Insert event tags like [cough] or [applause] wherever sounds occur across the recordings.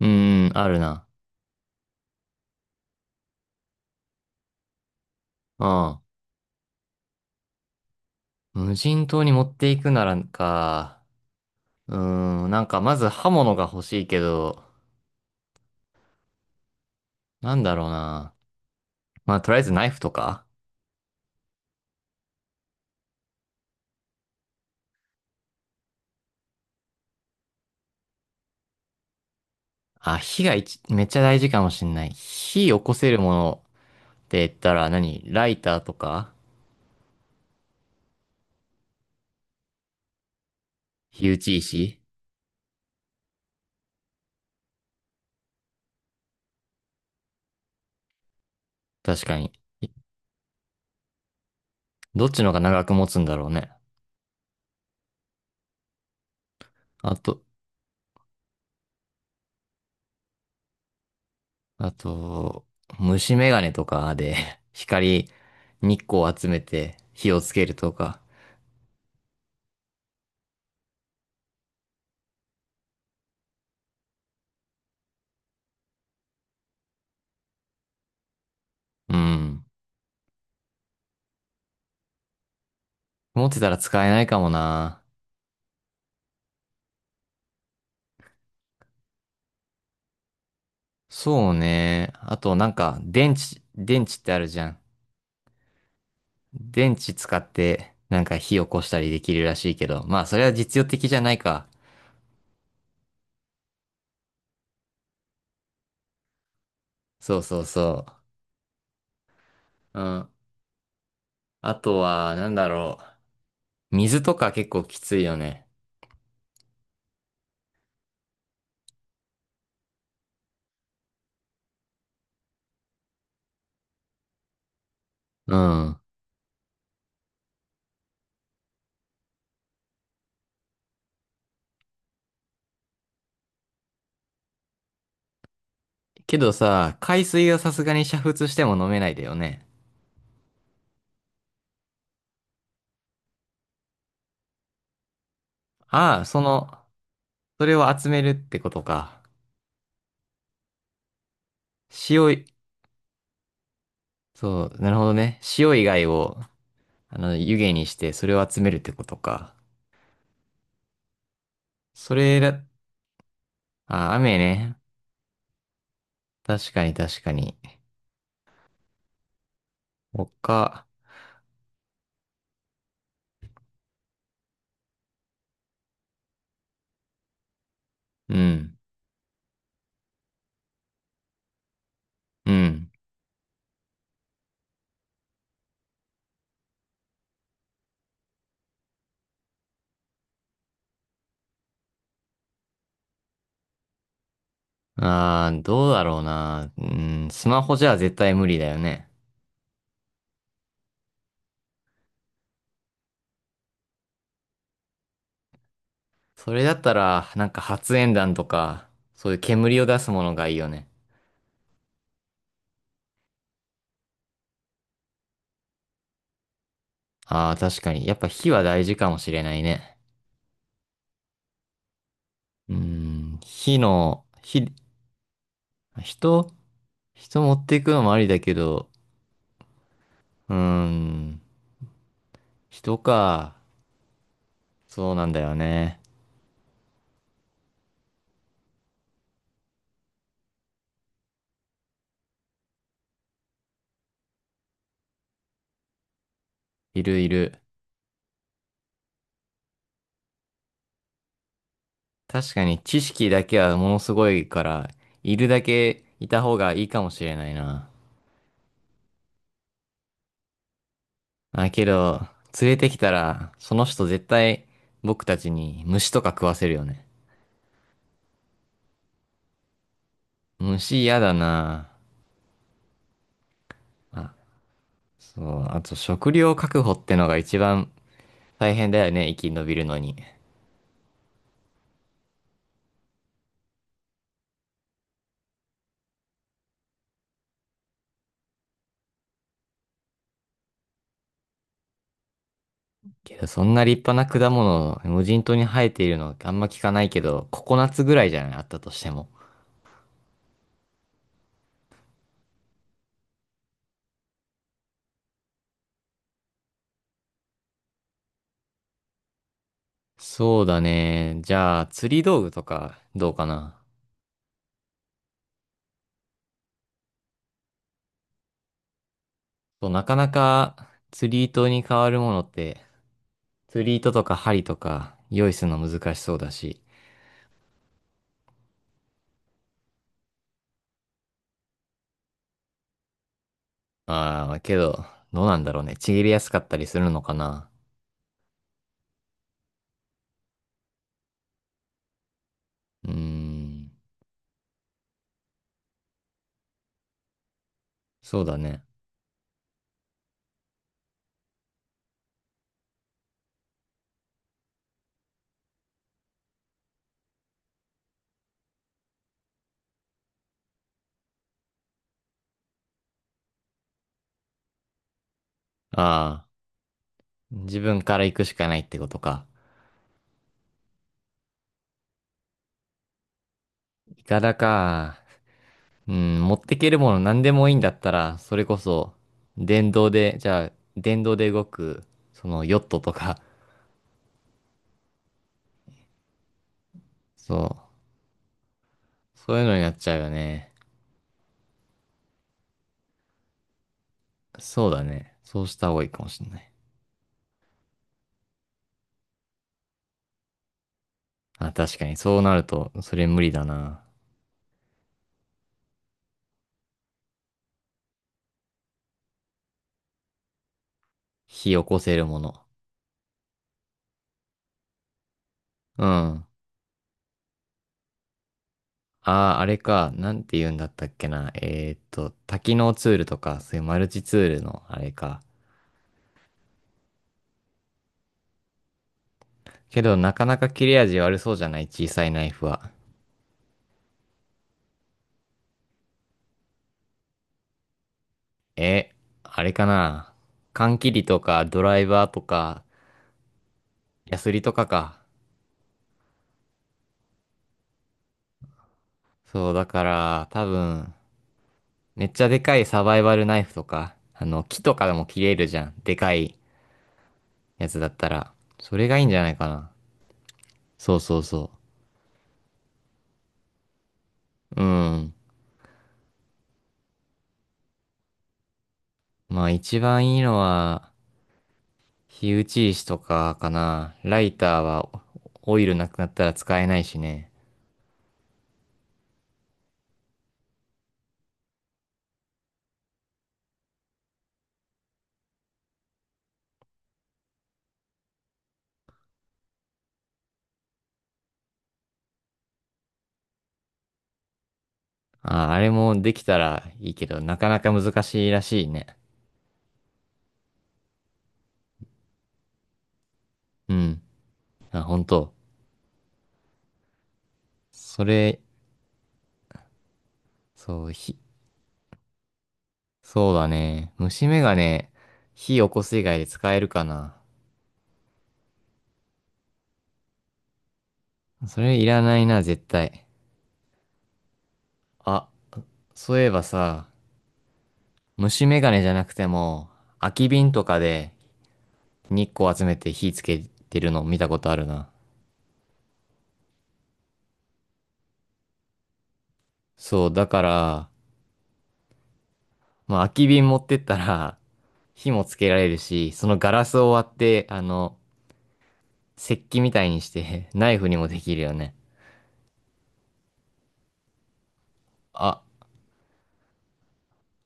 あるな。うん。無人島に持っていくならか。なんかまず刃物が欲しいけど、なんだろうな。まあ、とりあえずナイフとか、あ、火が一めっちゃ大事かもしんない。火起こせるものって言ったら何、ライターとか、火打ち石。確かに。どっちの方が長く持つんだろうね。あと、あと、虫眼鏡とかで、 [laughs] 光、日光を集めて火をつけるとか。うん。持ってたら使えないかもな。そうね。あとなんか、電池ってあるじゃん。電池使って、なんか火起こしたりできるらしいけど。まあ、それは実用的じゃないか。そうそうそう。うん。あとは、なんだろう。水とか結構きついよね。うん。けどさ、海水がさすがに煮沸しても飲めないだよね。ああ、その、それを集めるってことか。塩い、そう、なるほどね。塩以外を、湯気にしてそれを集めるってことか。それだ、あ、雨ね。確かに確かに。他、うん、うん。ああ、どうだろうな。うん、スマホじゃ絶対無理だよね。それだったら、なんか発煙弾とか、そういう煙を出すものがいいよね。ああ、確かに。やっぱ火は大事かもしれないね。火の、火、人、人持っていくのもありだけど、うーん、人か。そうなんだよね。いるいる。確かに知識だけはものすごいから、いるだけいた方がいいかもしれないな。あ、けど、連れてきたら、その人絶対僕たちに虫とか食わせるよね。虫嫌だな。あ、そう。あと食料確保ってのが一番大変だよね、生き延びるのに。けど、そんな立派な果物、無人島に生えているのあんま聞かないけど、ココナッツぐらいじゃない、あったとしても。そうだね。じゃあ、釣り道具とか、どうかな。そう、なかなか釣り糸に変わるものって、釣り糸とか針とか用意するの難しそうだし。ああ、けど、どうなんだろうね。ちぎりやすかったりするのかな。うーん、そうだね。ああ、自分から行くしかないってことか。いかだか。うん、持ってけるもの何でもいいんだったら、それこそ、電動で、じゃあ、電動で動く、そのヨットとか、そう、そういうのになっちゃうよね。そうだね。そうした方がいいかもしれない。あ、確かに、そうなると、それ無理だな。火起こせるもの。うん。ああ、あれか。なんて言うんだったっけな。多機能ツールとか、そういうマルチツールの、あれか。けど、なかなか切れ味悪そうじゃない、小さいナイフは。え、あれかな。缶切りとか、ドライバーとか、ヤスリとかか。そう、だから、多分、めっちゃでかいサバイバルナイフとか、木とかでも切れるじゃん。でかいやつだったら。それがいいんじゃないかな。そうそうそう。うん。まあ一番いいのは、火打ち石とかかな。ライターはオイルなくなったら使えないしね。あ、あれもできたらいいけど、なかなか難しいらしいね。うん。あ、本当。それ、そう、火、そうだね。虫眼鏡、火起こす以外で使えるかな。それいらないな、絶対。あ、そういえばさ、虫眼鏡じゃなくても、空き瓶とかで日光集めて火つけてるの見たことあるな。そう、だから、まあ、空き瓶持ってったら、[laughs] 火もつけられるし、そのガラスを割って、石器みたいにして [laughs] ナイフにもできるよね。あ、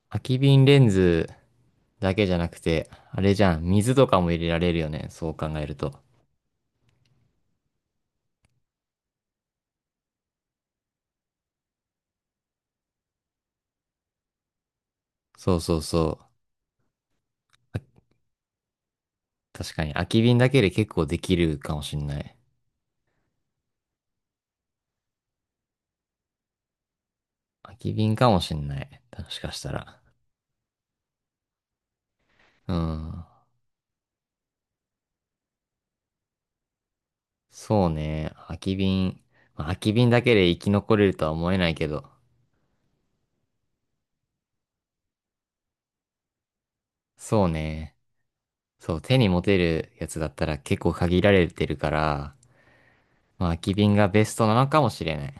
空き瓶レンズだけじゃなくて、あれじゃん、水とかも入れられるよね。そう考えると。そうそうそう。確かに、空き瓶だけで結構できるかもしんない。空き瓶かもしんない。もしかしたら。うん。そうね。空き瓶。まあ空き瓶だけで生き残れるとは思えないけど。そうね。そう、手に持てるやつだったら結構限られてるから、まあ空き瓶がベストなのかもしれない。